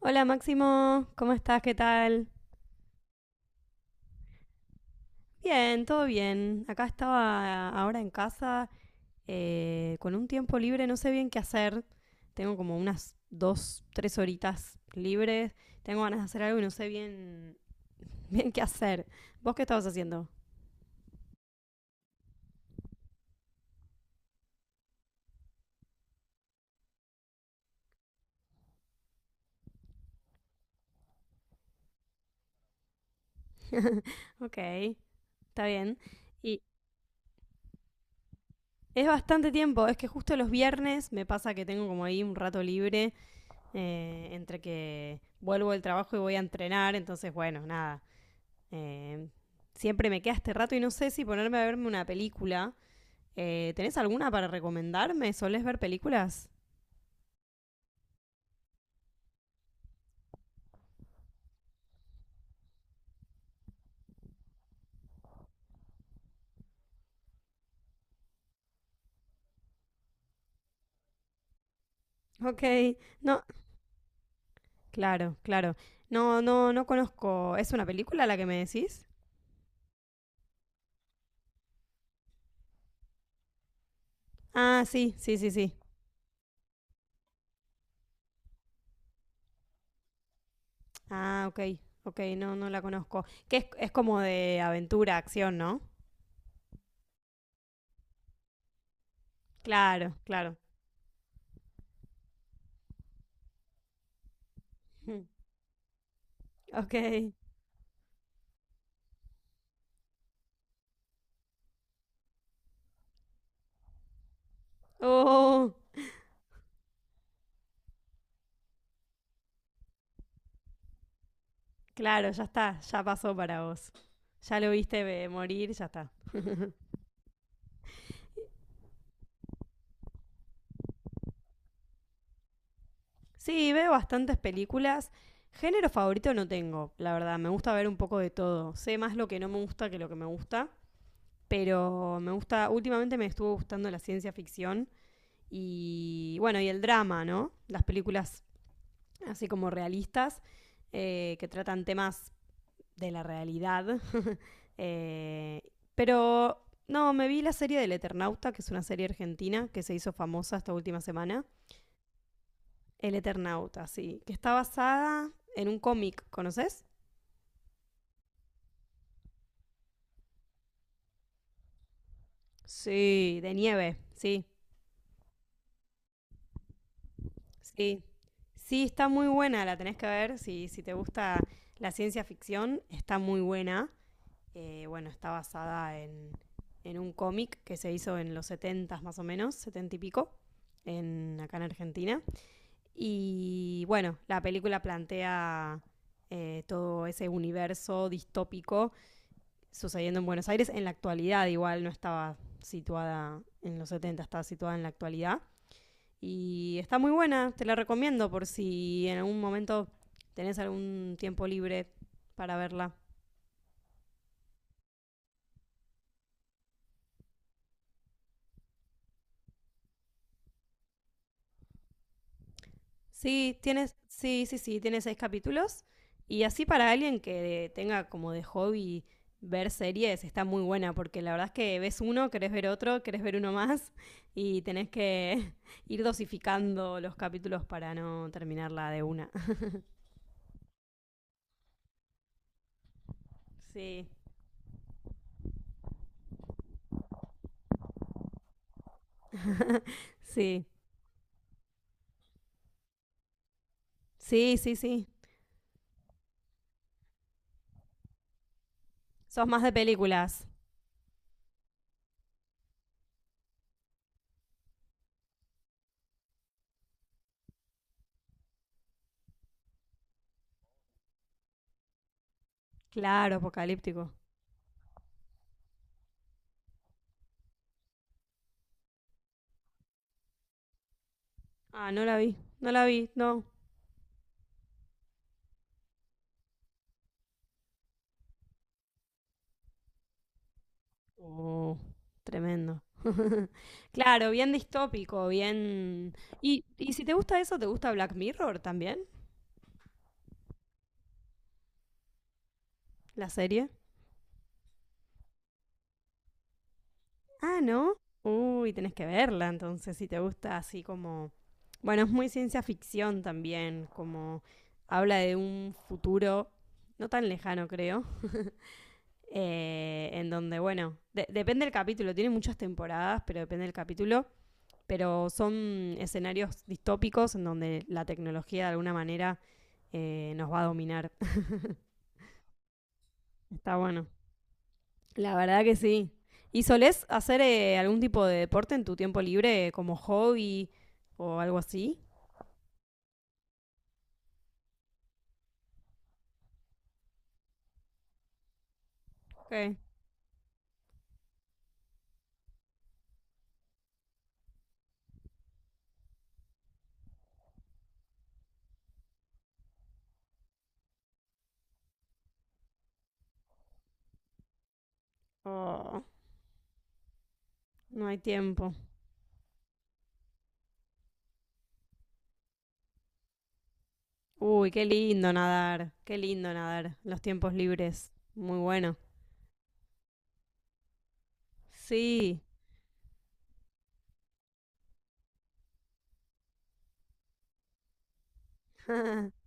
Hola Máximo, ¿cómo estás? ¿Qué tal? Bien, todo bien. Acá estaba ahora en casa, con un tiempo libre, no sé bien qué hacer. Tengo como unas dos, tres horitas libres. Tengo ganas de hacer algo y no sé bien, bien qué hacer. ¿Vos qué estabas haciendo? Ok, está bien. Y es bastante tiempo, es que justo los viernes me pasa que tengo como ahí un rato libre, entre que vuelvo del trabajo y voy a entrenar, entonces bueno, nada. Eh, Siempre me queda este rato y no sé si ponerme a verme una película. ¿Tenés alguna para recomendarme? ¿Solés ver películas? Ok, no, claro, claro. No, no, no conozco. ¿Es una película la que me decís? Ah, sí, sí, sí, sí. Ah, ok, ok, no, no la conozco. Que es como de aventura, acción, ¿no? Claro, claro. Mm, ok. Oh, claro, ya está, ya pasó para vos. Ya lo viste, morir, ya está. Sí, veo bastantes películas. Género favorito no tengo, la verdad. Me gusta ver un poco de todo. Sé más lo que no me gusta que lo que me gusta. Pero me gusta, últimamente me estuvo gustando la ciencia ficción y bueno, y el drama, ¿no? Las películas así como realistas, que tratan temas de la realidad. Eh, pero no, me vi la serie del Eternauta, que es una serie argentina que se hizo famosa esta última semana. El Eternauta, sí. Que está basada en un cómic, ¿conoces? Sí, de nieve, sí, sí. Sí, está muy buena, la tenés que ver. Si te gusta la ciencia ficción, está muy buena. Bueno, está basada en un cómic que se hizo en los 70 más o menos, 70 y pico, acá en Argentina. Y bueno, la película plantea, todo ese universo distópico sucediendo en Buenos Aires, en la actualidad igual, no estaba situada en los 70, estaba situada en la actualidad. Y está muy buena, te la recomiendo por si en algún momento tenés algún tiempo libre para verla. Sí, tienes, sí, sí, sí, tiene seis capítulos. Y así para alguien que tenga como de hobby ver series, está muy buena, porque la verdad es que ves uno, querés ver otro, querés ver uno más, y tenés que ir dosificando los capítulos para no terminarla de una. Sí, sí, sí, sí, sí. Sos más de películas. Claro, apocalíptico. Ah, no la vi, no la vi, no. Oh, tremendo. Claro, bien distópico, bien... ¿Y si te gusta eso, te gusta Black Mirror también? ¿La serie? Ah, ¿no? Uy, tenés que verla entonces, si te gusta así como... Bueno, es muy ciencia ficción también, como habla de un futuro no tan lejano, creo, en donde, bueno, depende del capítulo, tiene muchas temporadas, pero depende del capítulo, pero son escenarios distópicos en donde la tecnología de alguna manera, nos va a dominar. Está bueno. La verdad que sí. ¿Y solés hacer, algún tipo de deporte en tu tiempo libre como hobby o algo así? Ok. Oh, no hay tiempo. Uy, qué lindo nadar, los tiempos libres. Muy bueno. Sí.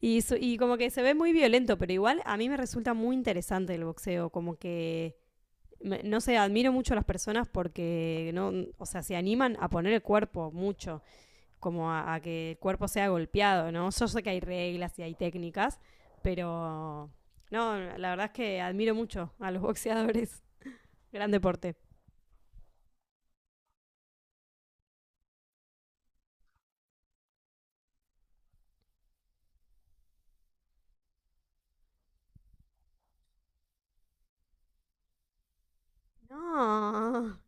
Y como que se ve muy violento, pero igual a mí me resulta muy interesante el boxeo, como que, no sé, admiro mucho a las personas porque, no, o sea, se animan a poner el cuerpo mucho, como a, que el cuerpo sea golpeado, ¿no? Yo sé que hay reglas y hay técnicas, pero, no, la verdad es que admiro mucho a los boxeadores, gran deporte. No,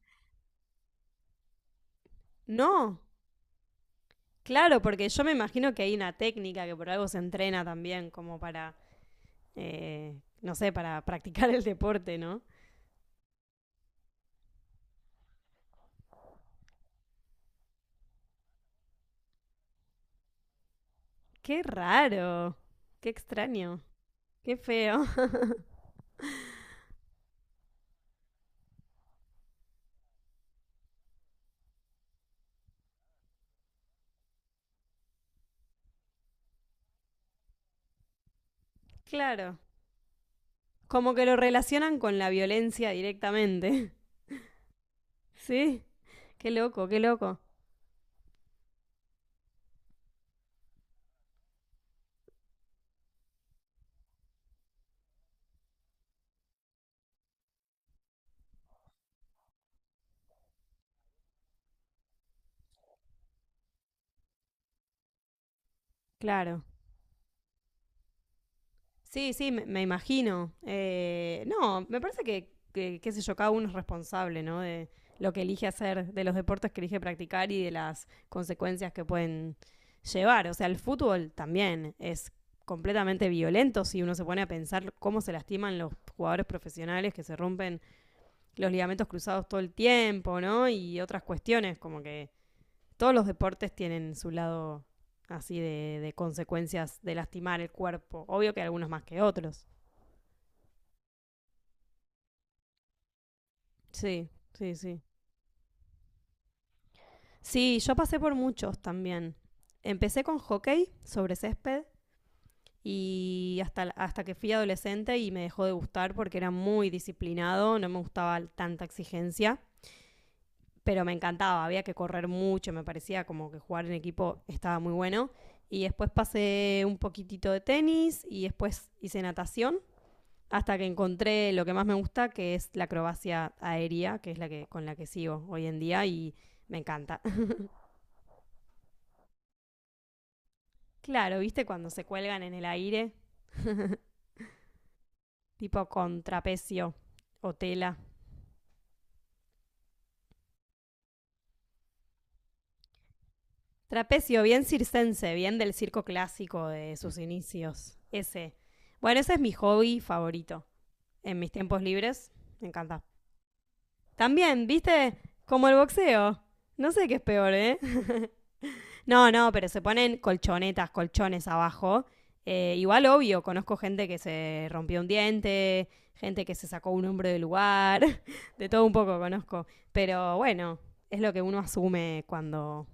no, claro, porque yo me imagino que hay una técnica que por algo se entrena también, como para, no sé, para practicar el deporte, ¿no? Qué raro, qué extraño, qué feo. Claro, como que lo relacionan con la violencia directamente. Sí, qué loco, qué loco. Claro. Sí, sí, me imagino. No, me parece que, qué sé yo, cada uno es responsable, ¿no? De lo que elige hacer, de los deportes que elige practicar y de las consecuencias que pueden llevar. O sea, el fútbol también es completamente violento si uno se pone a pensar cómo se lastiman los jugadores profesionales que se rompen los ligamentos cruzados todo el tiempo, ¿no? Y otras cuestiones, como que todos los deportes tienen su lado así de consecuencias de lastimar el cuerpo. Obvio que algunos más que otros. Sí, sí, sí. Sí, yo pasé por muchos también. Empecé con hockey sobre césped y hasta que fui adolescente y me dejó de gustar porque era muy disciplinado, no me gustaba tanta exigencia, pero me encantaba, había que correr mucho, me parecía como que jugar en equipo estaba muy bueno. Y después pasé un poquitito de tenis y después hice natación hasta que encontré lo que más me gusta, que es la acrobacia aérea, que es la que con la que sigo hoy en día y me encanta. Claro, ¿viste cuando se cuelgan en el aire? Tipo con trapecio o tela. Trapecio, bien circense, bien del circo clásico de sus inicios. Ese. Bueno, ese es mi hobby favorito. En mis tiempos libres, me encanta. También, ¿viste? Como el boxeo. No sé qué es peor, ¿eh? No, no, pero se ponen colchonetas, colchones abajo. Igual, obvio, conozco gente que se rompió un diente, gente que se sacó un hombro del lugar, de todo un poco conozco. Pero bueno, es lo que uno asume cuando,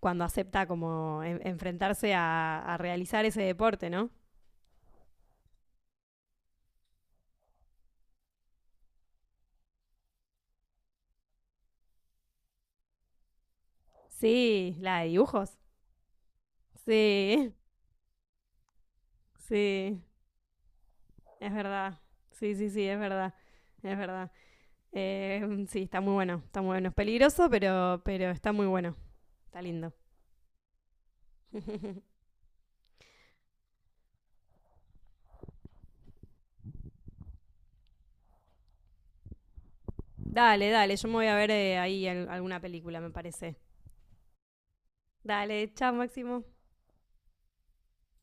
cuando acepta como enfrentarse a realizar ese deporte, ¿no? Sí, la de dibujos. Sí, sí, es verdad. Sí, sí, sí, es verdad. Es verdad. Sí, está muy bueno, está muy bueno. Es peligroso, pero está muy bueno. Está lindo. Dale, dale, yo me voy a ver, ahí alguna película, me parece. Dale, chao, Máximo.